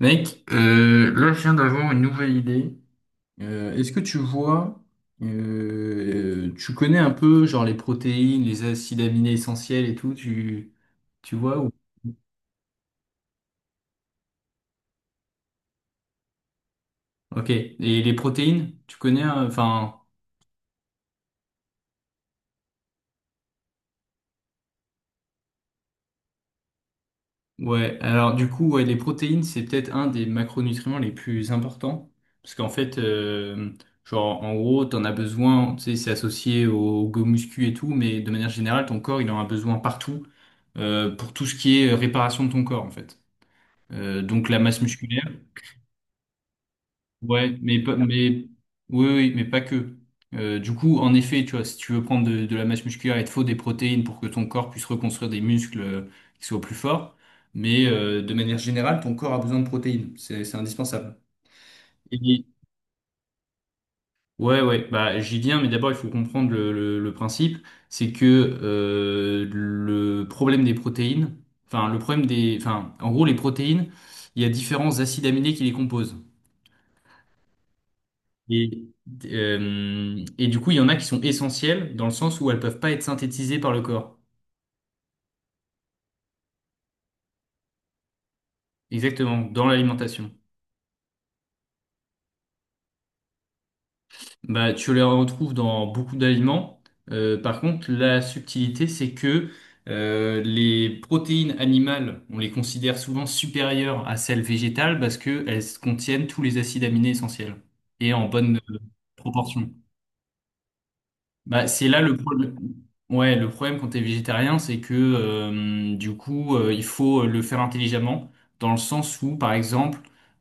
Mec, là, je viens d'avoir une nouvelle idée. Est-ce que tu vois, tu connais un peu, genre, les protéines, les acides aminés essentiels et tout, tu vois ou... Ok. Et les protéines, tu connais, enfin, ouais. Alors, du coup, ouais, les protéines, c'est peut-être un des macronutriments les plus importants. Parce qu'en fait, genre, en gros, t'en as besoin, tu sais, c'est associé au, go muscu et tout, mais de manière générale, ton corps, il en a besoin partout. Pour tout ce qui est réparation de ton corps, en fait. Donc la masse musculaire, ouais, mais oui, oui, mais pas que. Du coup, en effet, tu vois, si tu veux prendre de la masse musculaire, il te faut des protéines pour que ton corps puisse reconstruire des muscles qui soient plus forts. Mais de manière générale, ton corps a besoin de protéines. C'est indispensable. Et, Ouais, ouais, bah, j'y viens, mais d'abord, il faut comprendre le principe. C'est que le problème des protéines, enfin, le problème des, enfin, en gros, les protéines, il y a différents acides aminés qui les composent. Et, et du coup, il y en a qui sont essentiels dans le sens où elles peuvent pas être synthétisées par le corps. Exactement, dans l'alimentation. Bah, tu les retrouves dans beaucoup d'aliments. Par contre, la subtilité, c'est que les protéines animales, on les considère souvent supérieures à celles végétales parce qu'elles contiennent tous les acides aminés essentiels et en bonne proportion. Bah, c'est là le problème. Ouais, le problème quand t'es végétarien, c'est que du coup, il faut le faire intelligemment, dans le sens où, par exemple,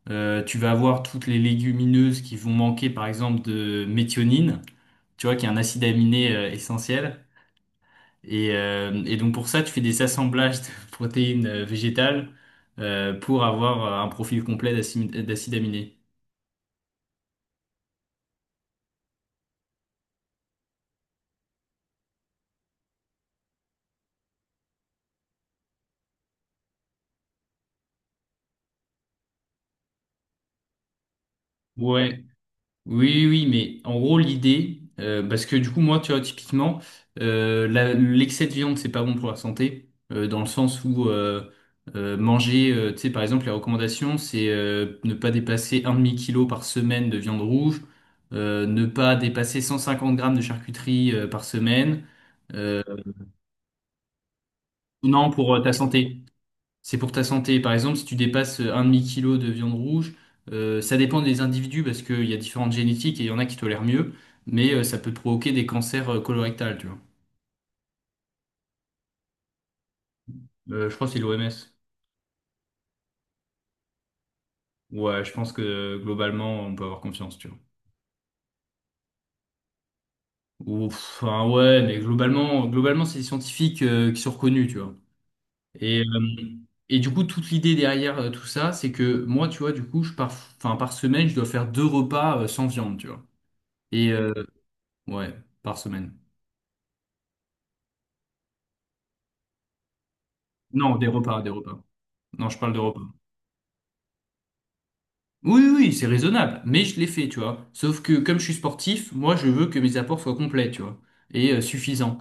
tu vas avoir toutes les légumineuses qui vont manquer, par exemple, de méthionine tu vois, qui est un acide aminé essentiel. Et donc pour ça, tu fais des assemblages de protéines végétales pour avoir un profil complet d'acide aminé. Ouais, oui, oui, mais en gros, l'idée, parce que du coup, moi, tu vois, typiquement, l'excès de viande, c'est pas bon pour la santé, dans le sens où manger, tu sais, par exemple, les recommandations, c'est ne pas dépasser un demi-kilo par semaine de viande rouge, ne pas dépasser 150 grammes de charcuterie par semaine. Euh, non, pour ta santé. C'est pour ta santé. Par exemple, si tu dépasses un demi-kilo de viande rouge, ça dépend des individus parce qu'il y a différentes génétiques et il y en a qui tolèrent mieux, mais ça peut provoquer des cancers colorectals, tu vois. Je crois que c'est l'OMS. Ouais, je pense que globalement, on peut avoir confiance, tu vois. Ou, enfin, ouais, mais globalement, globalement, c'est des scientifiques qui sont reconnus, tu vois. Et, euh, et du coup, toute l'idée derrière tout ça, c'est que moi, tu vois, du coup, enfin, par semaine, je dois faire deux repas sans viande, tu vois. Et ouais, par semaine. Non, des repas, des repas. Non, je parle de repas. Oui, oui, oui, c'est raisonnable, mais je l'ai fait, tu vois. Sauf que comme je suis sportif, moi, je veux que mes apports soient complets, tu vois, et suffisants.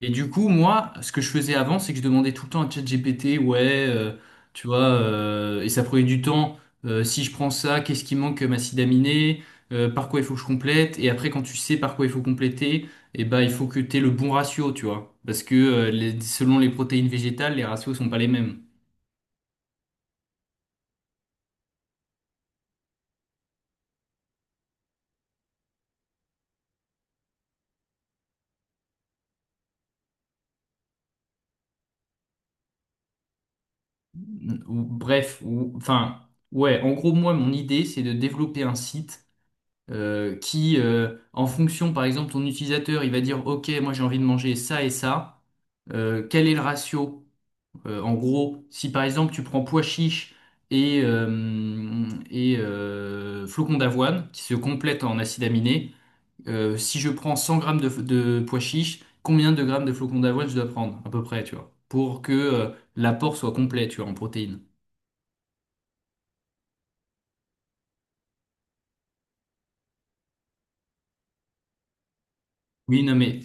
Et du coup, moi, ce que je faisais avant, c'est que je demandais tout le temps à ChatGPT, ouais, tu vois, et ça prenait du temps. Si je prends ça, qu'est-ce qui manque comme acide aminé? Par quoi il faut que je complète? Et après, quand tu sais par quoi il faut compléter, eh ben, il faut que tu aies le bon ratio, tu vois. Parce que selon les protéines végétales, les ratios sont pas les mêmes. Ou bref, ou enfin, ouais, en gros, moi, mon idée, c'est de développer un site qui, en fonction, par exemple, ton utilisateur, il va dire, OK, moi, j'ai envie de manger ça et ça. Quel est le ratio? En gros, si par exemple, tu prends pois chiche et flocons d'avoine qui se complètent en acides aminés, si je prends 100 grammes de pois chiche, combien de grammes de flocons d'avoine je dois prendre, à peu près, tu vois, pour que l'apport soit complet, tu vois, en protéines? Oui, non, mais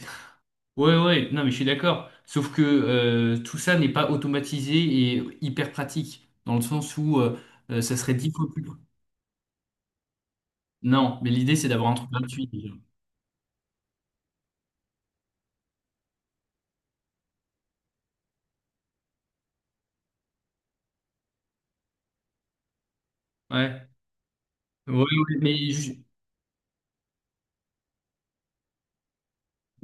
ouais, ouais, non, mais je suis d'accord. Sauf que tout ça n'est pas automatisé et hyper pratique, dans le sens où ça serait 10 fois plus. Non, mais l'idée c'est d'avoir un truc gratuit, déjà. Ouais. Ouais, ouais, mais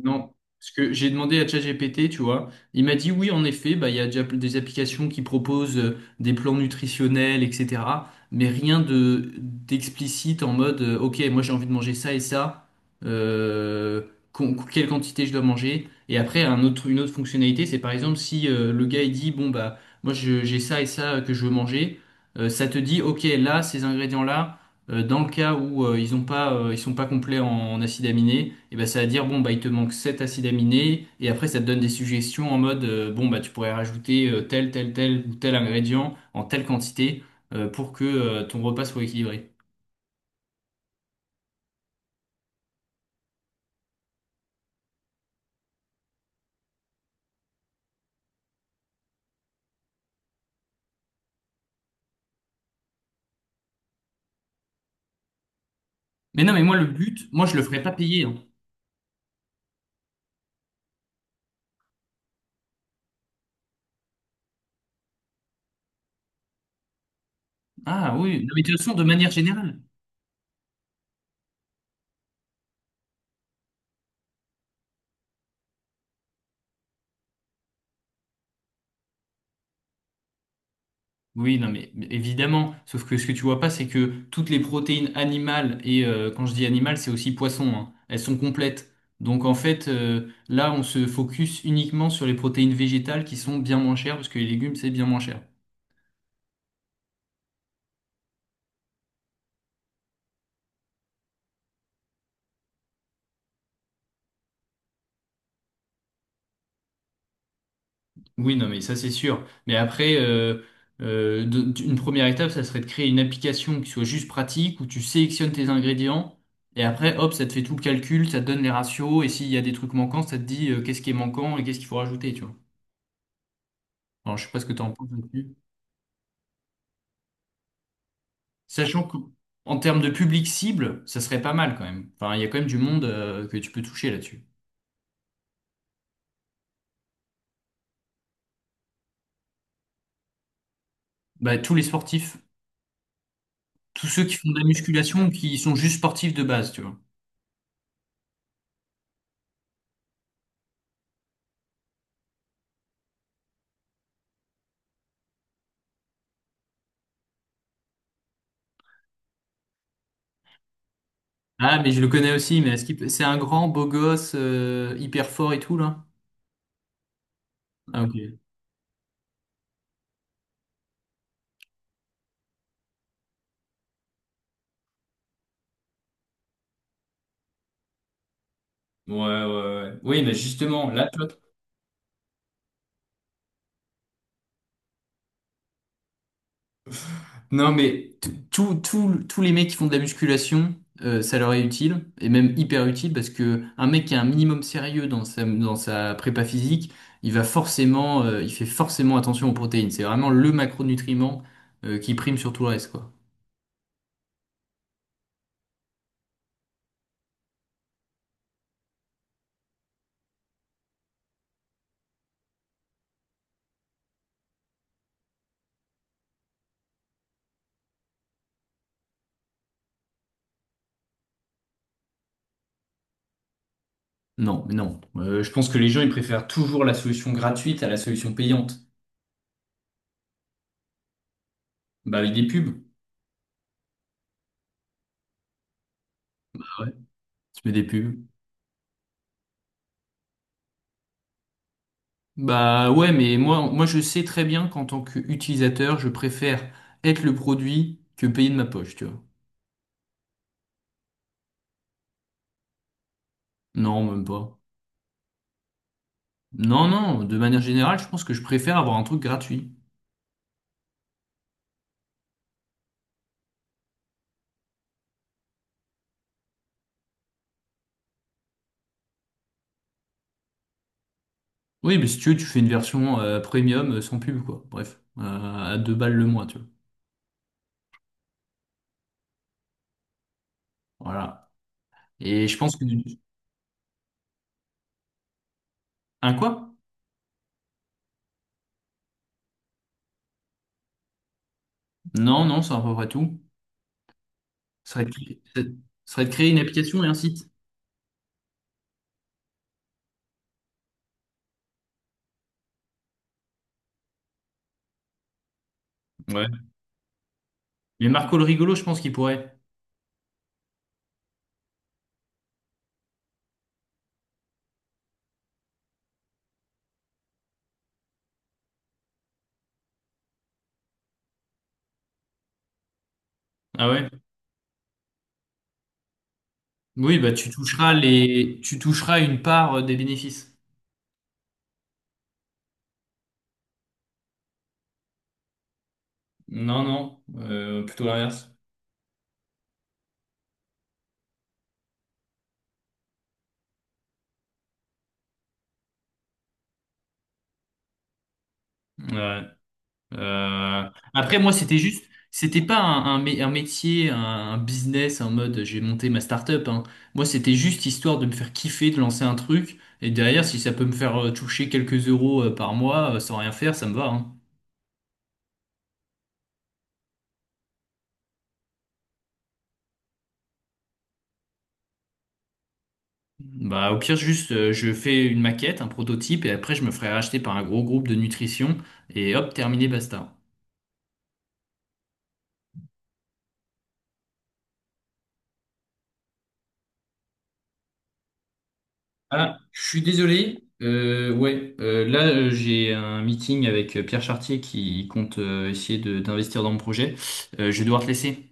non, parce que j'ai demandé à ChatGPT, tu vois, il m'a dit oui, en effet, bah, il y a déjà des applications qui proposent des plans nutritionnels, etc. Mais rien de d'explicite en mode, ok, moi j'ai envie de manger ça et ça, euh, quelle quantité je dois manger. Et après, une autre fonctionnalité, c'est par exemple si le gars il dit, bon bah, j'ai ça et ça que je veux manger, ça te dit, ok, là, ces ingrédients-là. Dans le cas où ils sont pas complets en acides aminés, et ben ça va dire bon bah il te manque 7 acides aminés et après ça te donne des suggestions en mode bon bah tu pourrais rajouter tel tel tel ou tel ingrédient en telle quantité pour que ton repas soit équilibré. Mais non mais moi le but, moi je le ferais pas payer, hein. Ah oui, non, mais de toute façon de manière générale. Oui, non, mais évidemment. Sauf que ce que tu vois pas, c'est que toutes les protéines animales, et quand je dis animales, c'est aussi poisson, hein, elles sont complètes. Donc en fait, là, on se focus uniquement sur les protéines végétales qui sont bien moins chères, parce que les légumes, c'est bien moins cher. Oui, non, mais ça, c'est sûr. Mais après, une première étape, ça serait de créer une application qui soit juste pratique, où tu sélectionnes tes ingrédients, et après, hop, ça te fait tout le calcul, ça te donne les ratios, et s'il y a des trucs manquants, ça te dit qu'est-ce qui est manquant et qu'est-ce qu'il faut rajouter, tu vois. Alors, je sais pas ce que tu en penses là-dessus. Sachant que, en termes de public cible, ça serait pas mal quand même. Enfin, il y a quand même du monde que tu peux toucher là-dessus. Bah, tous les sportifs, tous ceux qui font de la musculation ou qui sont juste sportifs de base, tu vois. Ah, mais je le connais aussi, mais c'est un grand beau gosse hyper fort et tout là? Ah, ok. Ouais, ouais, ouais. Oui, mais justement, là, tu vois, non, mais tous les mecs qui font de la musculation, ça leur est utile, et même hyper utile, parce que un mec qui a un minimum sérieux dans sa prépa physique, il fait forcément attention aux protéines. C'est vraiment le macronutriment, qui prime sur tout le reste, quoi. Non, mais non. Je pense que les gens, ils préfèrent toujours la solution gratuite à la solution payante. Bah, avec des pubs. Ah ouais. Tu mets des pubs. Bah ouais, mais moi, moi je sais très bien qu'en tant qu'utilisateur, je préfère être le produit que payer de ma poche, tu vois. Non, même pas. Non, non, de manière générale, je pense que je préfère avoir un truc gratuit. Oui, mais si tu veux, tu fais une version premium sans pub, quoi. Bref, à 2 balles le mois, tu vois. Voilà. Et je pense que... Un quoi? Non, non, c'est à peu près tout. Ça serait de créer une application et un site. Ouais. Mais Marco le rigolo, je pense qu'il pourrait. Ah ouais? Oui, bah tu toucheras une part des bénéfices. Non, non, plutôt l'inverse. Ouais. Euh, Après, moi, c'était juste, c'était pas un métier, un business en mode j'ai monté ma start-up, hein. Moi, c'était juste histoire de me faire kiffer, de lancer un truc. Et derrière, si ça peut me faire toucher quelques euros par mois sans rien faire, ça me va, hein. Bah, au pire, juste, je fais une maquette, un prototype, et après, je me ferai racheter par un gros groupe de nutrition. Et hop, terminé, basta. Ah, je suis désolé. Ouais, là j'ai un meeting avec Pierre Chartier qui compte essayer d'investir dans mon projet. Je vais devoir te laisser.